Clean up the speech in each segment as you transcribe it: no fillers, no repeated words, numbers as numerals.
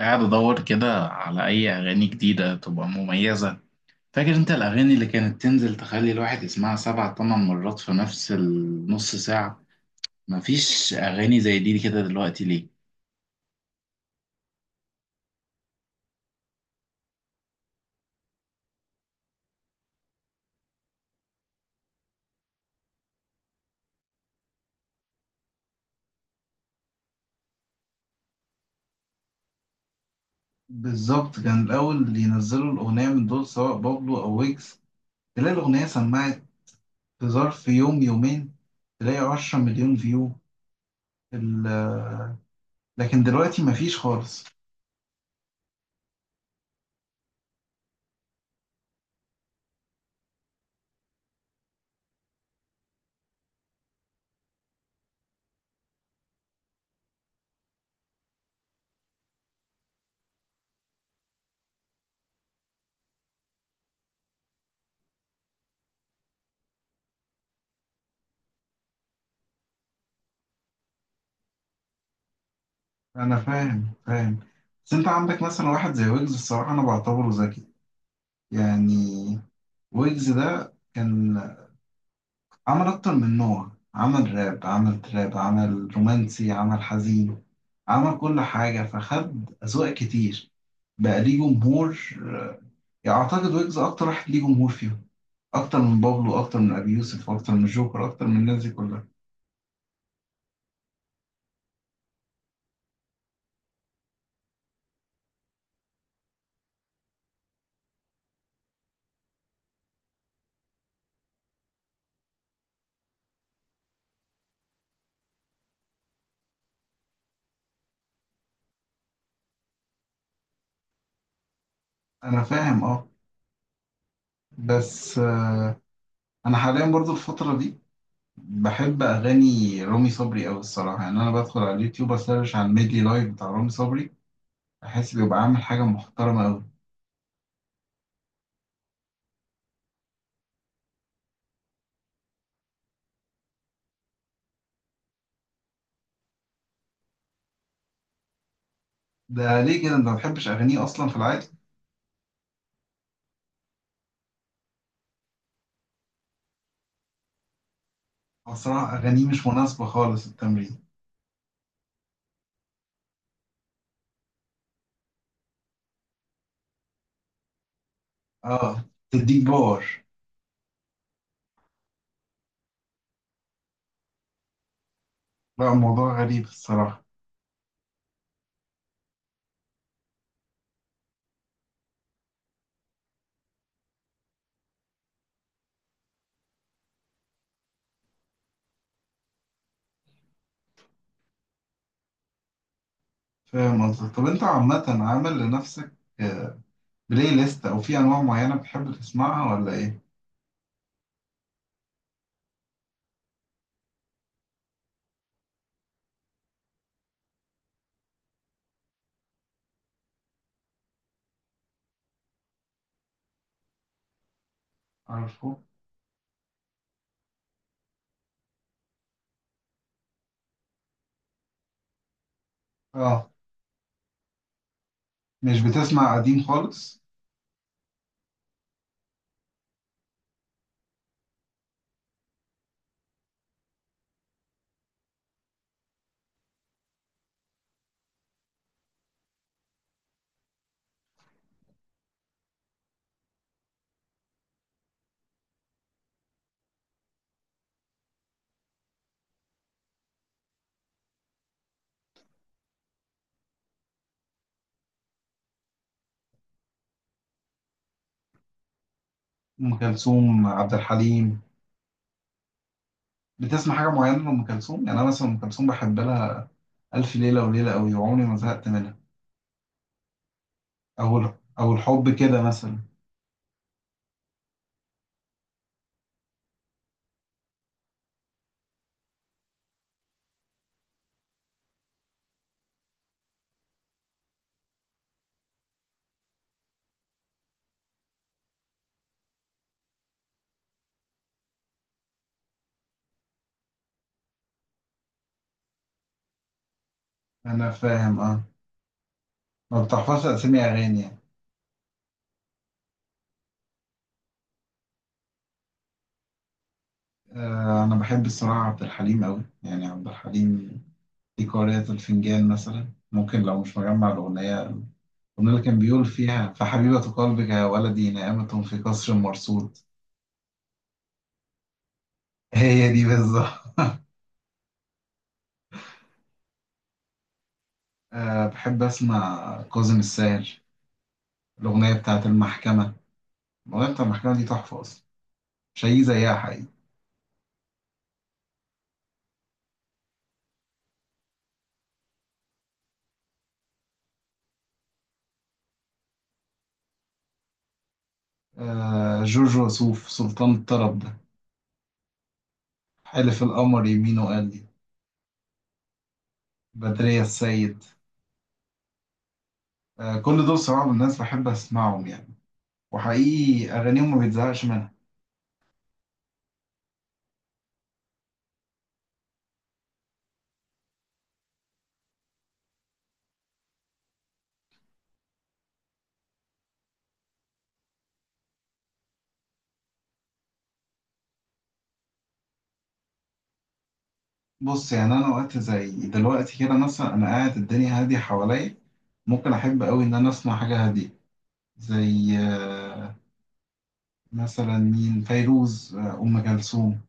قاعد ادور كده على اي اغاني جديده تبقى مميزه. فاكر انت الاغاني اللي كانت تنزل تخلي الواحد يسمعها 7 8 مرات في نفس النص ساعه؟ مفيش اغاني زي دي كده دلوقتي ليه؟ بالظبط، كان الأول اللي ينزلوا الأغنية من دول سواء بابلو أو ويجز، تلاقي الأغنية سمعت في ظرف يوم يومين، تلاقي 10 مليون فيو. ال- لكن دلوقتي مفيش خالص. أنا فاهم. بس أنت عندك مثلا واحد زي ويجز، الصراحة أنا بعتبره ذكي، يعني ويجز ده كان عمل أكتر من نوع، عمل راب، عمل تراب، عمل رومانسي، عمل حزين، عمل كل حاجة، فخد أذواق كتير، بقى ليه جمهور. يعني أعتقد ويجز أكتر واحد ليه جمهور فيهم، أكتر من بابلو، أكتر من أبي يوسف، أكتر من جوكر، أكتر من الناس دي كلها. أنا فاهم، أه. بس أنا حاليا برضو الفترة دي بحب أغاني رامي صبري أوي الصراحة. يعني أنا بدخل على اليوتيوب، أسرش على الميدلي لايف بتاع رامي صبري، أحس بيبقى عامل حاجة محترمة أوي. ده ليه كده انت ما بتحبش اغانيه اصلا في العادي؟ هو الصراحه اغانيه مش مناسبه خالص للتمرين. اه، تديك باور. لا، الموضوع غريب الصراحه. فاهم قصدك. طب انت عامه عامل لنفسك آه، بلاي ليست او في انواع معينه بتحب تسمعها ولا ايه؟ عارفه. اه، مش بتسمع قديم خالص؟ ام كلثوم، عبد الحليم. بتسمع حاجه معينه لام كلثوم؟ يعني انا مثلا ام كلثوم بحب لها الف ليله وليله قوي، وعمري ما زهقت منها. او او الحب كده مثلا. انا فاهم، اه، ما بتحفظش أسامي أغاني يعني. آه، أنا بحب الصراحة عبد الحليم أوي، يعني عبد الحليم في قارئة الفنجان مثلا، ممكن لو مش مجمع الأغنية، اللي كان بيقول فيها فحبيبة قلبك يا ولدي نائمة في قصر مرصود. هي دي بالظبط. آه، بحب أسمع كاظم الساهر، الأغنية بتاعت المحكمة. الأغنية بتاعت المحكمة دي تحفة أصلا، مش هيجي زيها حقيقي. آه، جورج وسوف سلطان الطرب ده، حلف القمر يمينه قال لي، بدرية السيد. آه، كل دول صراحة من الناس بحب أسمعهم يعني، وحقيقي أغانيهم ما بتزهقش منها. بص، يعني أنا وقت زي دلوقتي كده مثلا، أنا قاعد الدنيا هادية حواليا، ممكن أحب أوي إن أنا أسمع حاجة هادية زي مثلا مين، فيروز، أم كلثوم.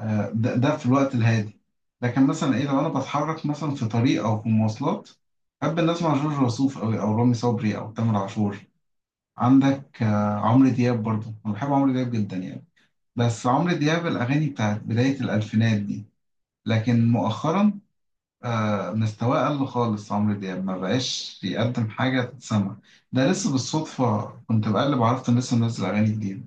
ده في الوقت الهادي. لكن مثلا إيه، لو أنا بتحرك مثلا في طريق أو في مواصلات، أحب إن أسمع جورج وسوف أوي، أو رامي صبري، أو تامر عاشور. عندك عمرو دياب برضه، أنا بحب عمرو دياب جدا يعني، بس عمرو دياب الأغاني بتاعت بداية الألفينات دي. لكن مؤخرا مستواه قل خالص، عمرو دياب ما بقاش يقدم حاجة تتسمع. ده لسه بالصدفة كنت بقلب عرفت إن لسه منزل أغاني جديدة.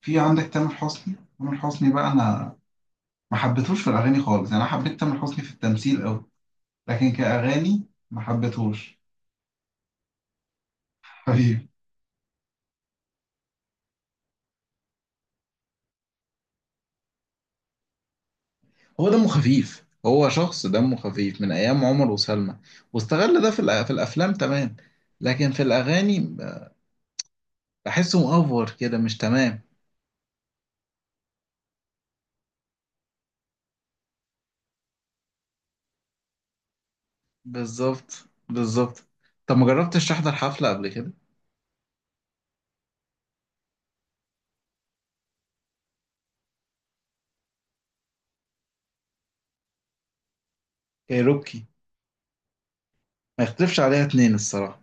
في عندك تامر حسني. تامر حسني بقى أنا ما حبيتهوش في الأغاني خالص. يعني أنا حبيت تامر حسني في التمثيل أوي، لكن كأغاني ما حبيتهوش حبيبي. هو دمه خفيف، هو شخص دمه خفيف من ايام عمر وسلمى، واستغل ده في في الافلام، تمام. لكن في الاغاني احسه مأفور كده، مش تمام. بالظبط، بالظبط. طب ما جربتش تحضر حفلة قبل كده؟ كايروكي؟ ما يختلفش عليها 2 الصراحة.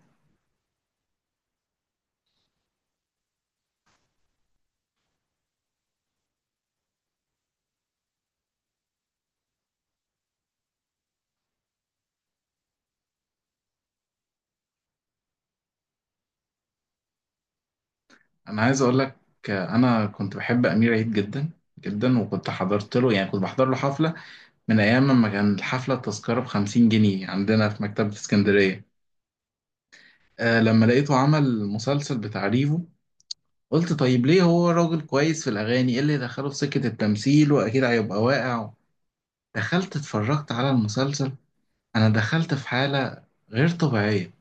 انا عايز اقول لك، انا كنت بحب امير عيد جدا جدا. وكنت حضرت له، يعني كنت بحضر له حفلة من ايام لما كان الحفلة التذكرة بـ50 جنيه عندنا في مكتبة اسكندرية. لما لقيته عمل مسلسل بتاع ريفو، قلت طيب ليه، هو راجل كويس في الاغاني، ايه اللي دخله في سكة التمثيل واكيد هيبقى واقع. دخلت اتفرجت على المسلسل، انا دخلت في حاله غير طبيعيه.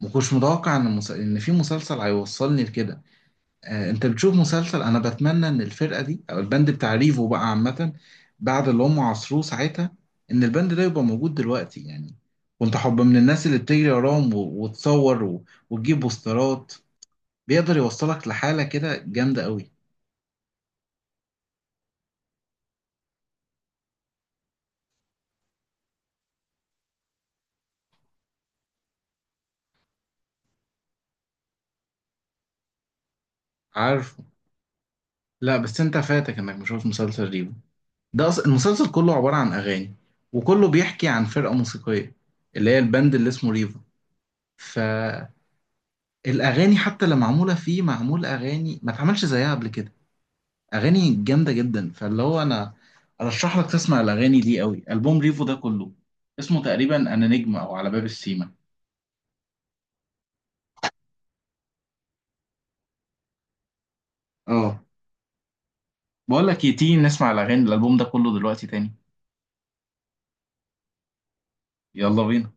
ما كنتش متوقع ان ان في مسلسل هيوصلني لكده. آه، انت بتشوف مسلسل، انا بتمنى ان الفرقه دي او البند بتاع ريفو بقى عامه، بعد اللي هم عصروه ساعتها، ان البند ده يبقى موجود دلوقتي يعني. كنت حب من الناس اللي بتجري وراهم وتصور وتجيب بوسترات. بيقدر يوصلك لحاله كده جامده قوي. عارفه. لا، بس انت فاتك انك مشوف مسلسل ريفو. ده المسلسل كله عبارة عن أغاني، وكله بيحكي عن فرقة موسيقية، اللي هي البند اللي اسمه ريفا، فالأغاني حتى اللي معمولة فيه، معمول أغاني ما اتعملش زيها قبل كده، أغاني جامدة جدا. فاللي هو أنا أرشح لك تسمع الأغاني دي قوي، ألبوم ريفو ده كله، اسمه تقريبا أنا نجم أو على باب السيما. اه. بقول لك إيه، تيجي نسمع الأغاني الألبوم ده كله دلوقتي تاني؟ يلا بينا.